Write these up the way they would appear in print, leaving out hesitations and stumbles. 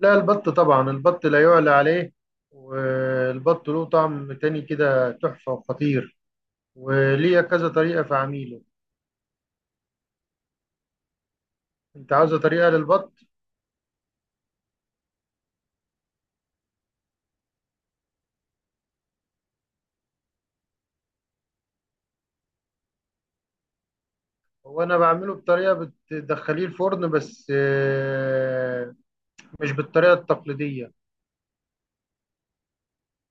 لا، البط طبعا. البط لا يعلى عليه، والبط له طعم تاني كده تحفة وخطير، وليه كذا طريقة في عميله. انت عاوزة طريقة للبط؟ هو انا بعمله بطريقة بتدخليه الفرن بس مش بالطريقة التقليدية.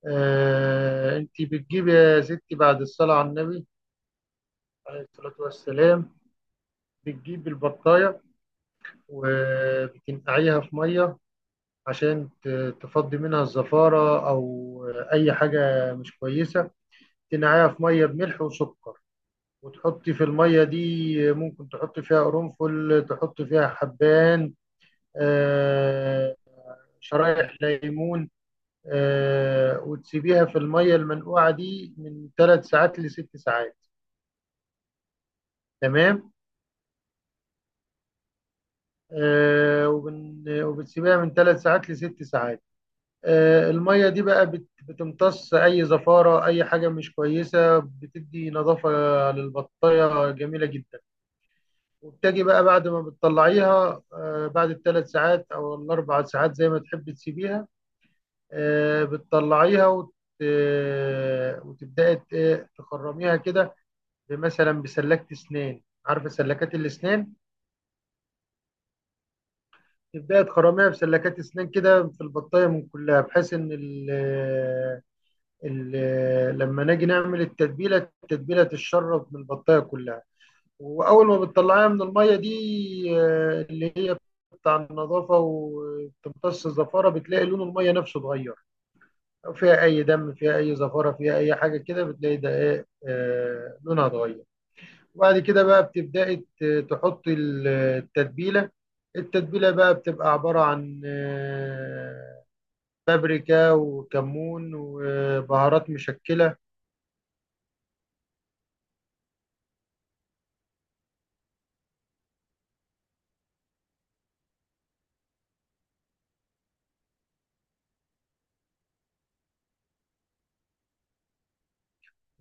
انت بتجيب يا ستي بعد الصلاة على النبي عليه الصلاة والسلام، بتجيب البطاية وبتنقعيها في مية عشان تفضي منها الزفارة أو أي حاجة مش كويسة. تنقعيها في ميه بملح وسكر، وتحطي في الميه دي، ممكن تحطي فيها قرنفل، تحطي فيها حبان، آه، شرايح ليمون. وتسيبيها في الميه المنقوعه دي من ثلاث ساعات لست ساعات. تمام. وبتسيبيها من ثلاث ساعات لست ساعات. الميه دي بقى بتمتص اي زفاره، اي حاجه مش كويسه، بتدي نظافه للبطايه جميله جدا. وبتجي بقى بعد ما بتطلعيها، بعد الثلاث ساعات او الاربع ساعات زي ما تحبي تسيبيها. آه، بتطلعيها وت... آه، وتبداي ت- إيه، تخرميها كده، مثلا بسلكة اسنان، عارفة سلكات الاسنان؟ تبداي تخرميها بسلكات اسنان كده في البطاية من كلها، بحيث ان لما نيجي نعمل التتبيلة، التتبيلة تتشرب من البطاية كلها. واول ما بتطلعيها من الميه دي، اللي هي بتاع النظافه وتمتص الزفاره، بتلاقي لون الميه نفسه اتغير. لو فيها اي دم، فيها اي زفاره، فيها اي حاجه كده، بتلاقي ده ايه، لونها اتغير. وبعد كده بقى بتبداي تحطي التتبيله. التتبيله بقى بتبقى عباره عن بابريكا وكمون وبهارات مشكله.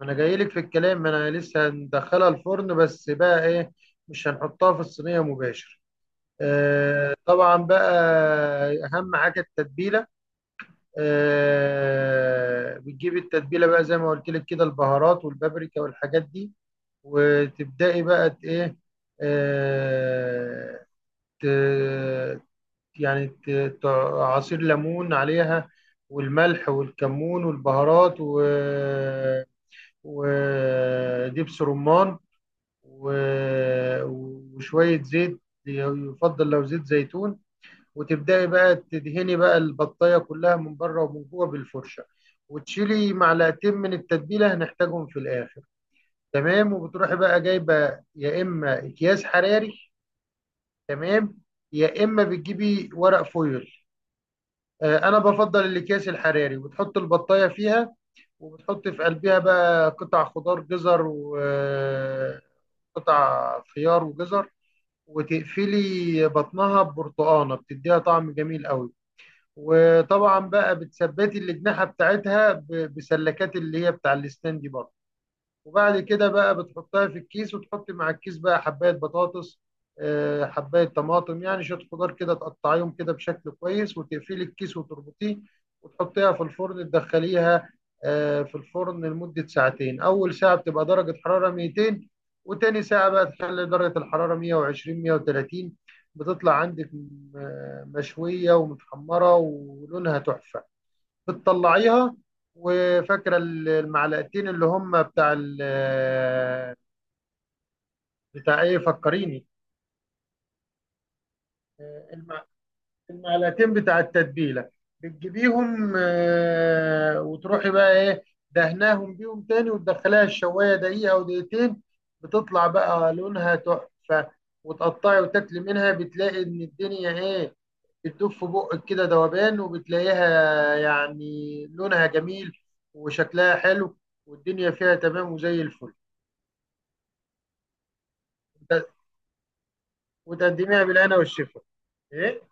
ما انا جاي لك في الكلام، ما انا لسه هندخلها الفرن، بس بقى ايه، مش هنحطها في الصينيه مباشر. آه طبعا بقى. اهم حاجه التتبيله. آه، بتجيبي التتبيله بقى زي ما قلت لك كده، البهارات والبابريكا والحاجات دي، وتبداي بقى ت- ايه آه ت- يعني ت- ت- عصير ليمون عليها، والملح والكمون والبهارات، و ودبس رمان، و- وشوية زيت، يفضل لو زيت زيتون. وتبدأي بقى تدهني بقى البطاية كلها من بره ومن جوه بالفرشة، وتشيلي معلقتين من التتبيلة هنحتاجهم في الآخر. تمام. وبتروحي بقى جايبة يا إما أكياس حراري، تمام، يا إما بتجيبي ورق فويل. أنا بفضل الأكياس الحراري، وتحط البطاية فيها، وبتحط في قلبها بقى قطع خضار، جزر وقطع خيار وجزر، وتقفلي بطنها ببرتقانه بتديها طعم جميل قوي. وطبعا بقى بتثبتي الاجنحه بتاعتها بسلكات اللي هي بتاع الاسنان دي برضه. وبعد كده بقى بتحطها في الكيس، وتحط مع الكيس بقى حباية بطاطس، حباية طماطم، يعني شوية خضار كده تقطعيهم كده بشكل كويس، وتقفلي الكيس وتربطيه، وتحطيها في الفرن. تدخليها في الفرن لمدة ساعتين. أول ساعة بتبقى درجة حرارة 200، وتاني ساعة بقى تخلي درجة الحرارة 120 130. بتطلع عندك مشوية ومتحمرة ولونها تحفة. بتطلعيها، وفاكره المعلقتين اللي هم بتاع ايه، فكريني. المعلقتين بتاع التتبيله، بتجيبيهم، وتروحي بقى ايه، دهناهم بيهم تاني، وتدخليها الشوايه دقيقه او دقيقتين. بتطلع بقى لونها تحفه، وتقطعي وتاكلي منها، بتلاقي ان الدنيا ايه، بتدوب في بقك كده ذوبان، وبتلاقيها يعني لونها جميل وشكلها حلو، والدنيا فيها تمام وزي الفل. وت- وتقدميها بالهنا والشفا. ايه،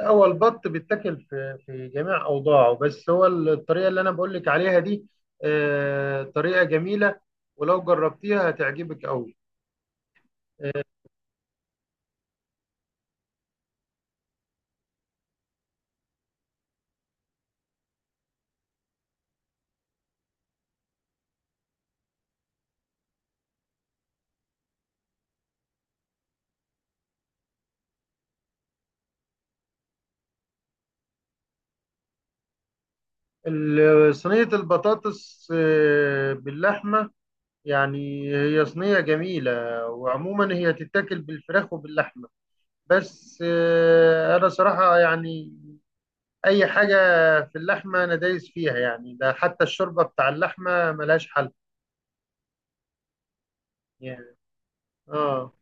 هو البط بيتاكل في في جميع اوضاعه، بس هو الطريقه اللي انا بقول لك عليها دي طريقه جميله، ولو جربتيها هتعجبك قوي. صينيه البطاطس باللحمه، يعني هي صينيه جميله، وعموما هي تتاكل بالفراخ وباللحمه، بس انا صراحه يعني اي حاجه في اللحمه انا دايس فيها. يعني ده حتى الشوربه بتاع اللحمه ملهاش حل يعني. اه.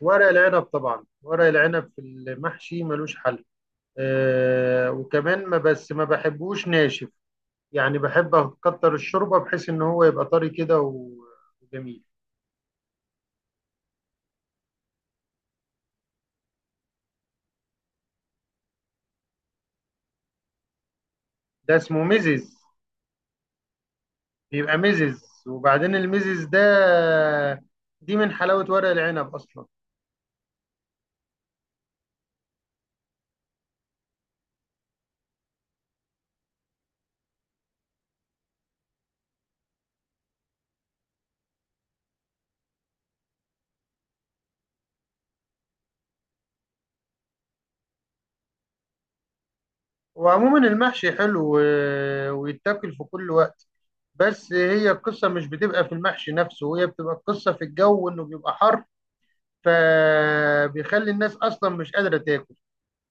ورق العنب، طبعا ورق العنب في المحشي ملوش حل. آه، وكمان ما بحبوش ناشف، يعني بحب اكتر الشوربه، بحيث ان هو يبقى طري كده وجميل. ده اسمه مزز، بيبقى مزز. وبعدين المزز ده دي من حلاوه ورق العنب اصلا. وعموما المحشي حلو، ويتاكل في كل وقت. بس هي القصه مش بتبقى في المحشي نفسه، هي بتبقى القصه في الجو انه بيبقى حر، فبيخلي الناس اصلا مش قادره تاكل.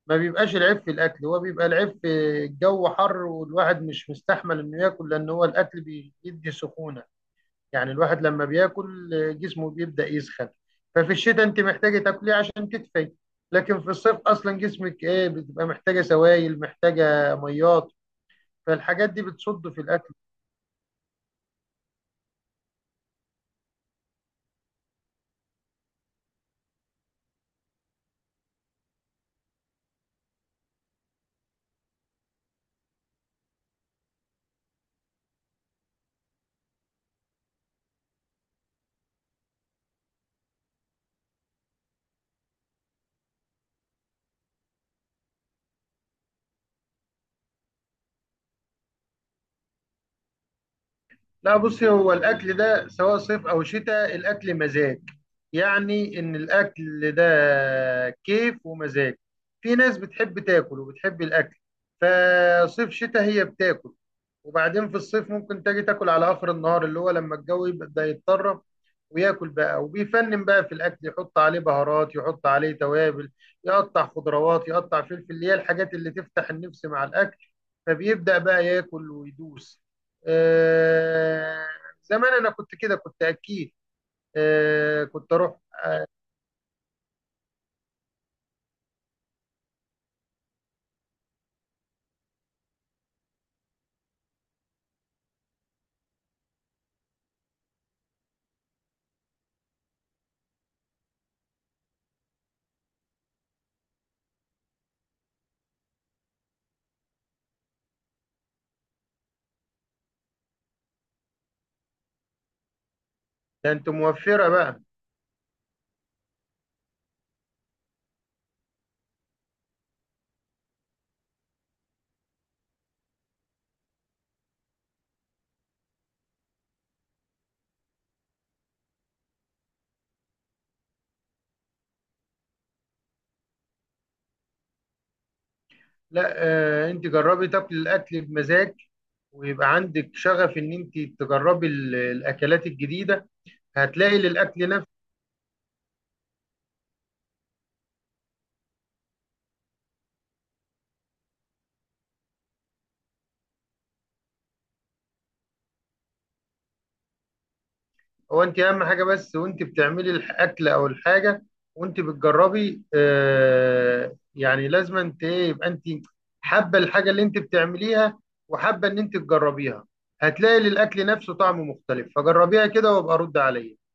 ما بيبقاش العيب في الاكل، هو بيبقى العيب في الجو حر، والواحد مش مستحمل انه ياكل، لان هو الاكل بيدي سخونه. يعني الواحد لما بياكل جسمه بيبدا يسخن. ففي الشتاء انت محتاجه تاكليه عشان تدفي، لكن في الصيف اصلا جسمك ايه، بتبقى محتاجه سوائل، محتاجه ميات، فالحاجات دي بتصد في الاكل. لا، بصي، هو الأكل ده سواء صيف أو شتاء، الأكل مزاج. يعني إن الأكل ده كيف ومزاج، في ناس بتحب تاكل وبتحب الأكل، فصيف شتاء هي بتاكل. وبعدين في الصيف ممكن تجي تاكل على آخر النهار اللي هو لما الجو يبدأ يتطرب، وياكل بقى وبيفنن بقى في الأكل، يحط عليه بهارات، يحط عليه توابل، يقطع خضروات، يقطع فلفل، اللي هي الحاجات اللي تفتح النفس مع الأكل، فبيبدأ بقى ياكل ويدوس. آه، زمان انا كنت كده، كنت اكيد، آه، كنت اروح. ده انت موفرة بقى. لا، آه، انت جربي تاكل الاكل بمزاج، ويبقى عندك شغف ان انت تجربي الاكلات الجديدة، هتلاقي للاكل نفسه. هو انت اهم حاجه، بس وانت بتعملي الاكل او الحاجه، وانت بتجربي آه، يعني لازم انت ايه، يبقى انت حابه الحاجه اللي انت بتعمليها، وحابه ان انت تجربيها، هتلاقي للاكل نفسه طعم مختلف. فجربيها كده وابقى رد عليا.